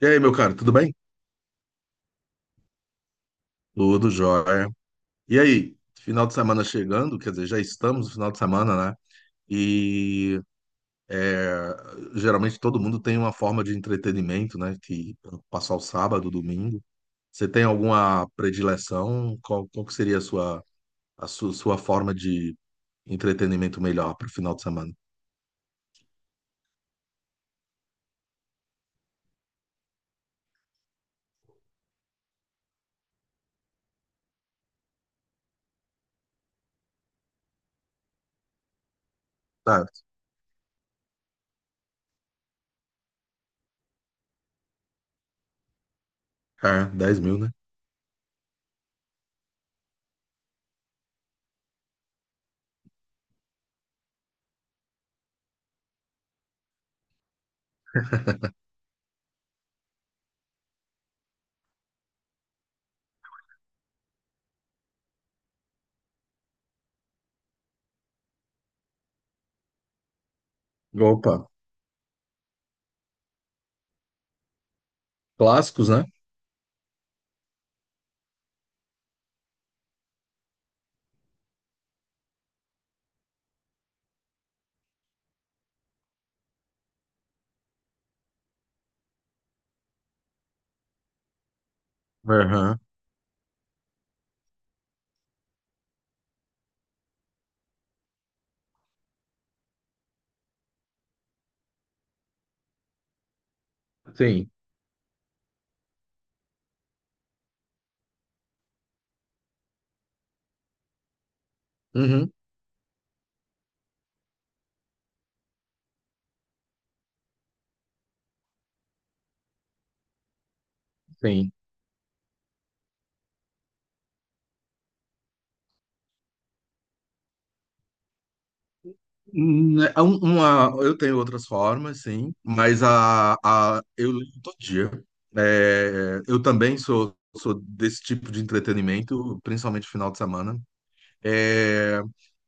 E aí, meu caro, tudo bem? Tudo jóia. E aí, final de semana chegando, quer dizer, já estamos no final de semana, né? E é, Geralmente todo mundo tem uma forma de entretenimento, né? Que passar o sábado, o domingo. Você tem alguma predileção? Qual que seria a sua, a su- sua, forma de entretenimento melhor para o final de semana? Tá. É, 10 mil, né? Opa, clássicos, né? Aham. Sim. Uhum, sim. Né, eu tenho outras formas, sim, mas eu leio todo dia. É, eu também sou desse tipo de entretenimento, principalmente final de semana. É,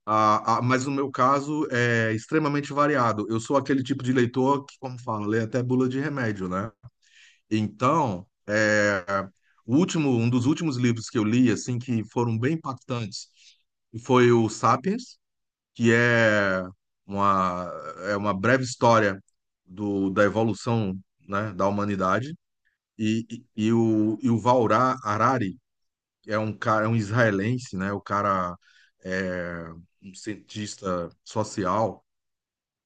mas no meu caso é extremamente variado. Eu sou aquele tipo de leitor que, como fala, lê até bula de remédio, né? Então, o último, um dos últimos livros que eu li, assim, que foram bem impactantes, foi o Sapiens, que é uma, uma breve história da evolução, né, da humanidade. E o Vaurá Harari é um cara, é um israelense, né? O cara é um cientista social.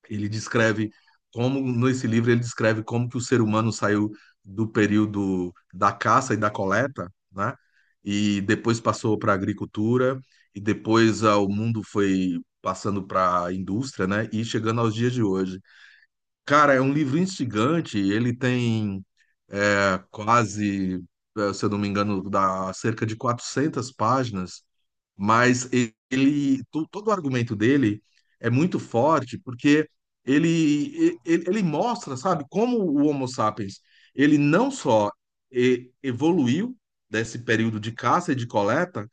Ele descreve como, nesse livro, ele descreve como que o ser humano saiu do período da caça e da coleta, né? E depois passou para a agricultura, e depois o mundo foi passando para a indústria, né? E chegando aos dias de hoje. Cara, é um livro instigante, ele tem quase, se eu não me engano, dá cerca de 400 páginas, mas ele, todo o argumento dele é muito forte porque ele mostra, sabe, como o Homo sapiens, ele não só evoluiu desse período de caça e de coleta,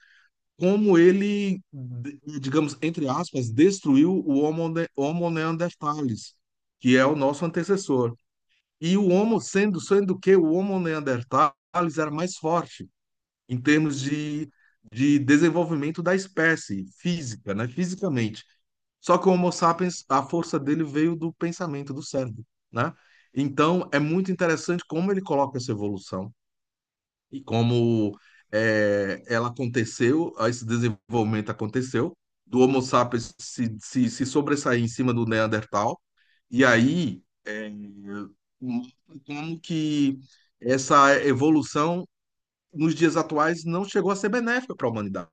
como ele, digamos, entre aspas, destruiu o Homo neanderthalis, que é o nosso antecessor. Sendo que o Homo neanderthalis era mais forte em termos de desenvolvimento da espécie física, né? Fisicamente. Só que o Homo sapiens, a força dele veio do pensamento, do cérebro, né? Então, é muito interessante como ele coloca essa evolução e como ela aconteceu, esse desenvolvimento aconteceu, do Homo sapiens se sobressair em cima do Neandertal, e aí como que essa evolução nos dias atuais não chegou a ser benéfica para a humanidade,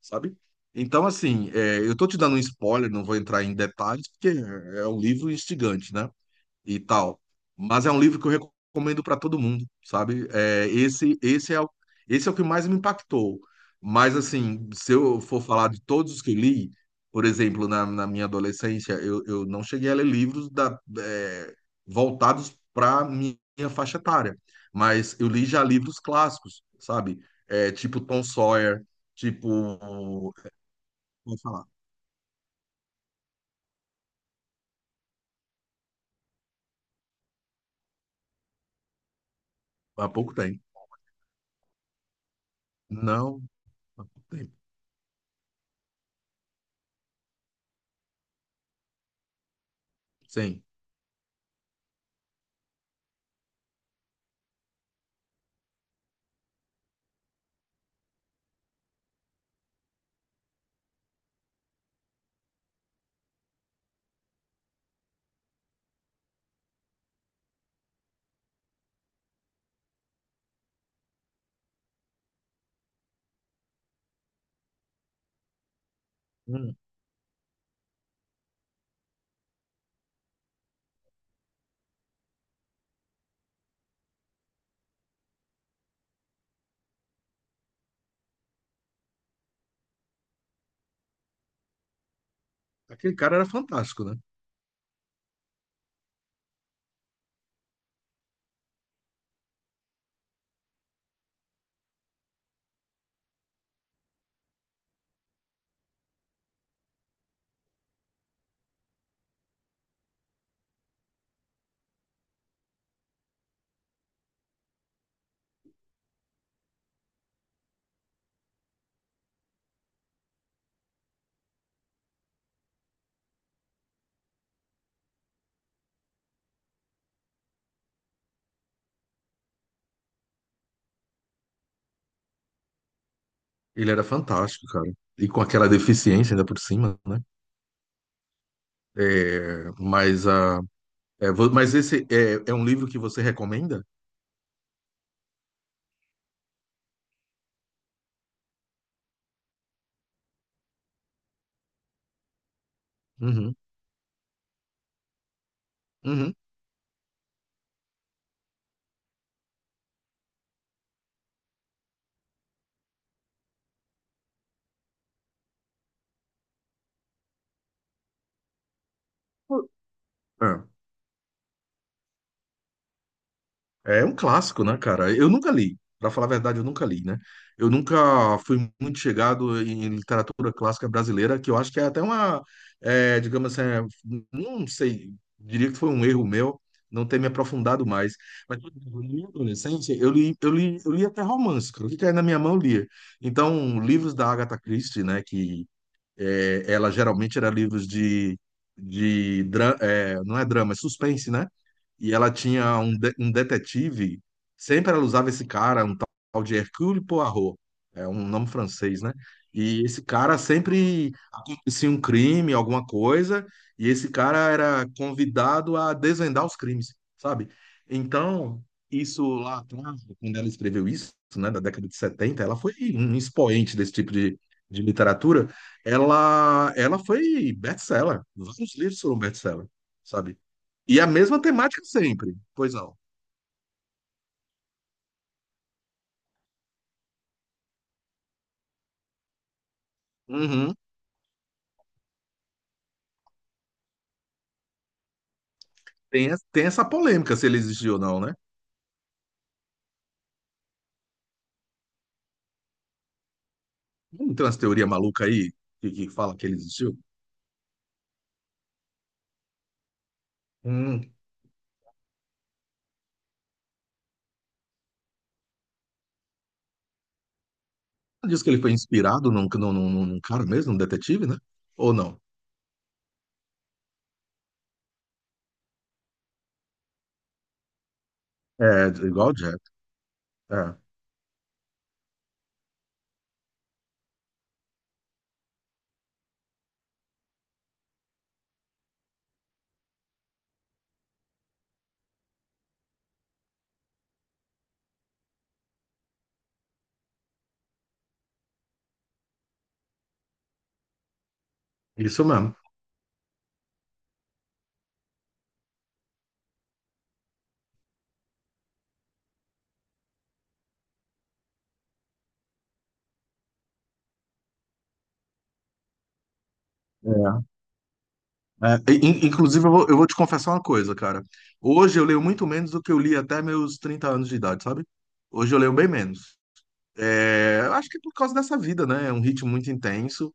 sabe? Então, assim, eu estou te dando um spoiler, não vou entrar em detalhes, porque é um livro instigante, né? E tal. Mas é um livro que eu recomendo para todo mundo, sabe? É, esse é o que mais me impactou. Mas, assim, se eu for falar de todos os que eu li, por exemplo, na minha adolescência, eu não cheguei a ler livros voltados para minha faixa etária. Mas eu li já livros clássicos, sabe? É, tipo Tom Sawyer, tipo. Vou falar, há pouco tempo. Não, há pouco tempo. Sim. Hum. Aquele cara era fantástico, né? Ele era fantástico, cara. E com aquela deficiência ainda por cima, né? É, mas a, mas esse é, é um livro que você recomenda? Uhum, uhum. É um clássico, né, cara? Eu nunca li. Pra falar a verdade, eu nunca li, né? Eu nunca fui muito chegado em literatura clássica brasileira, que eu acho que é até digamos assim, não sei, diria que foi um erro meu não ter me aprofundado mais. Mas por exemplo, na minha adolescência, eu li até romance, cara. O que caía na minha mão eu lia. Então, livros da Agatha Christie, né, que ela geralmente era livros de não é drama, é suspense, né? E ela tinha um detetive, sempre ela usava esse cara, um tal de Hercule Poirot, é um nome francês, né? E esse cara sempre acontecia um crime, alguma coisa, e esse cara era convidado a desvendar os crimes, sabe? Então, isso lá atrás, quando ela escreveu isso, né, da década de setenta, ela foi um expoente desse tipo de literatura. Ela foi best-seller. Vários livros foram best-seller, sabe? E a mesma temática sempre. Pois não. Uhum. Tem essa polêmica se ele existiu ou não, né? Não tem umas teorias malucas aí que fala que ele existiu? Hum. Diz que ele foi inspirado num cara mesmo, num detetive, né? Ou não? É, igual o Jack. É, isso mesmo. É. Inclusive, eu vou te confessar uma coisa, cara. Hoje eu leio muito menos do que eu li até meus 30 anos de idade, sabe? Hoje eu leio bem menos. É, acho que é por causa dessa vida, né? É um ritmo muito intenso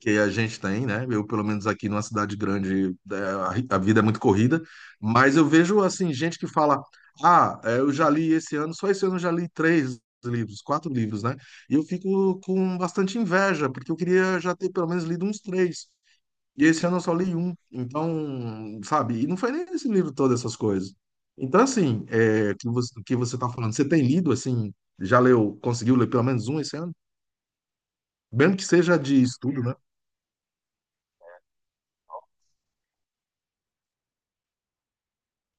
que a gente tem, né? Eu, pelo menos aqui numa cidade grande, a vida é muito corrida, mas eu vejo, assim, gente que fala: Ah, é, eu já li esse ano, só esse ano eu já li três livros, quatro livros, né? E eu fico com bastante inveja, porque eu queria já ter pelo menos lido uns três. E esse ano eu só li um. Então, sabe, e não foi nem esse livro todas essas coisas. Então, assim, que você tá falando, você tem lido, assim, já leu, conseguiu ler pelo menos um esse ano? Mesmo que seja de estudo, né?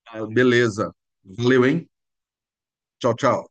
Ah, beleza. Valeu, hein? Tchau, tchau.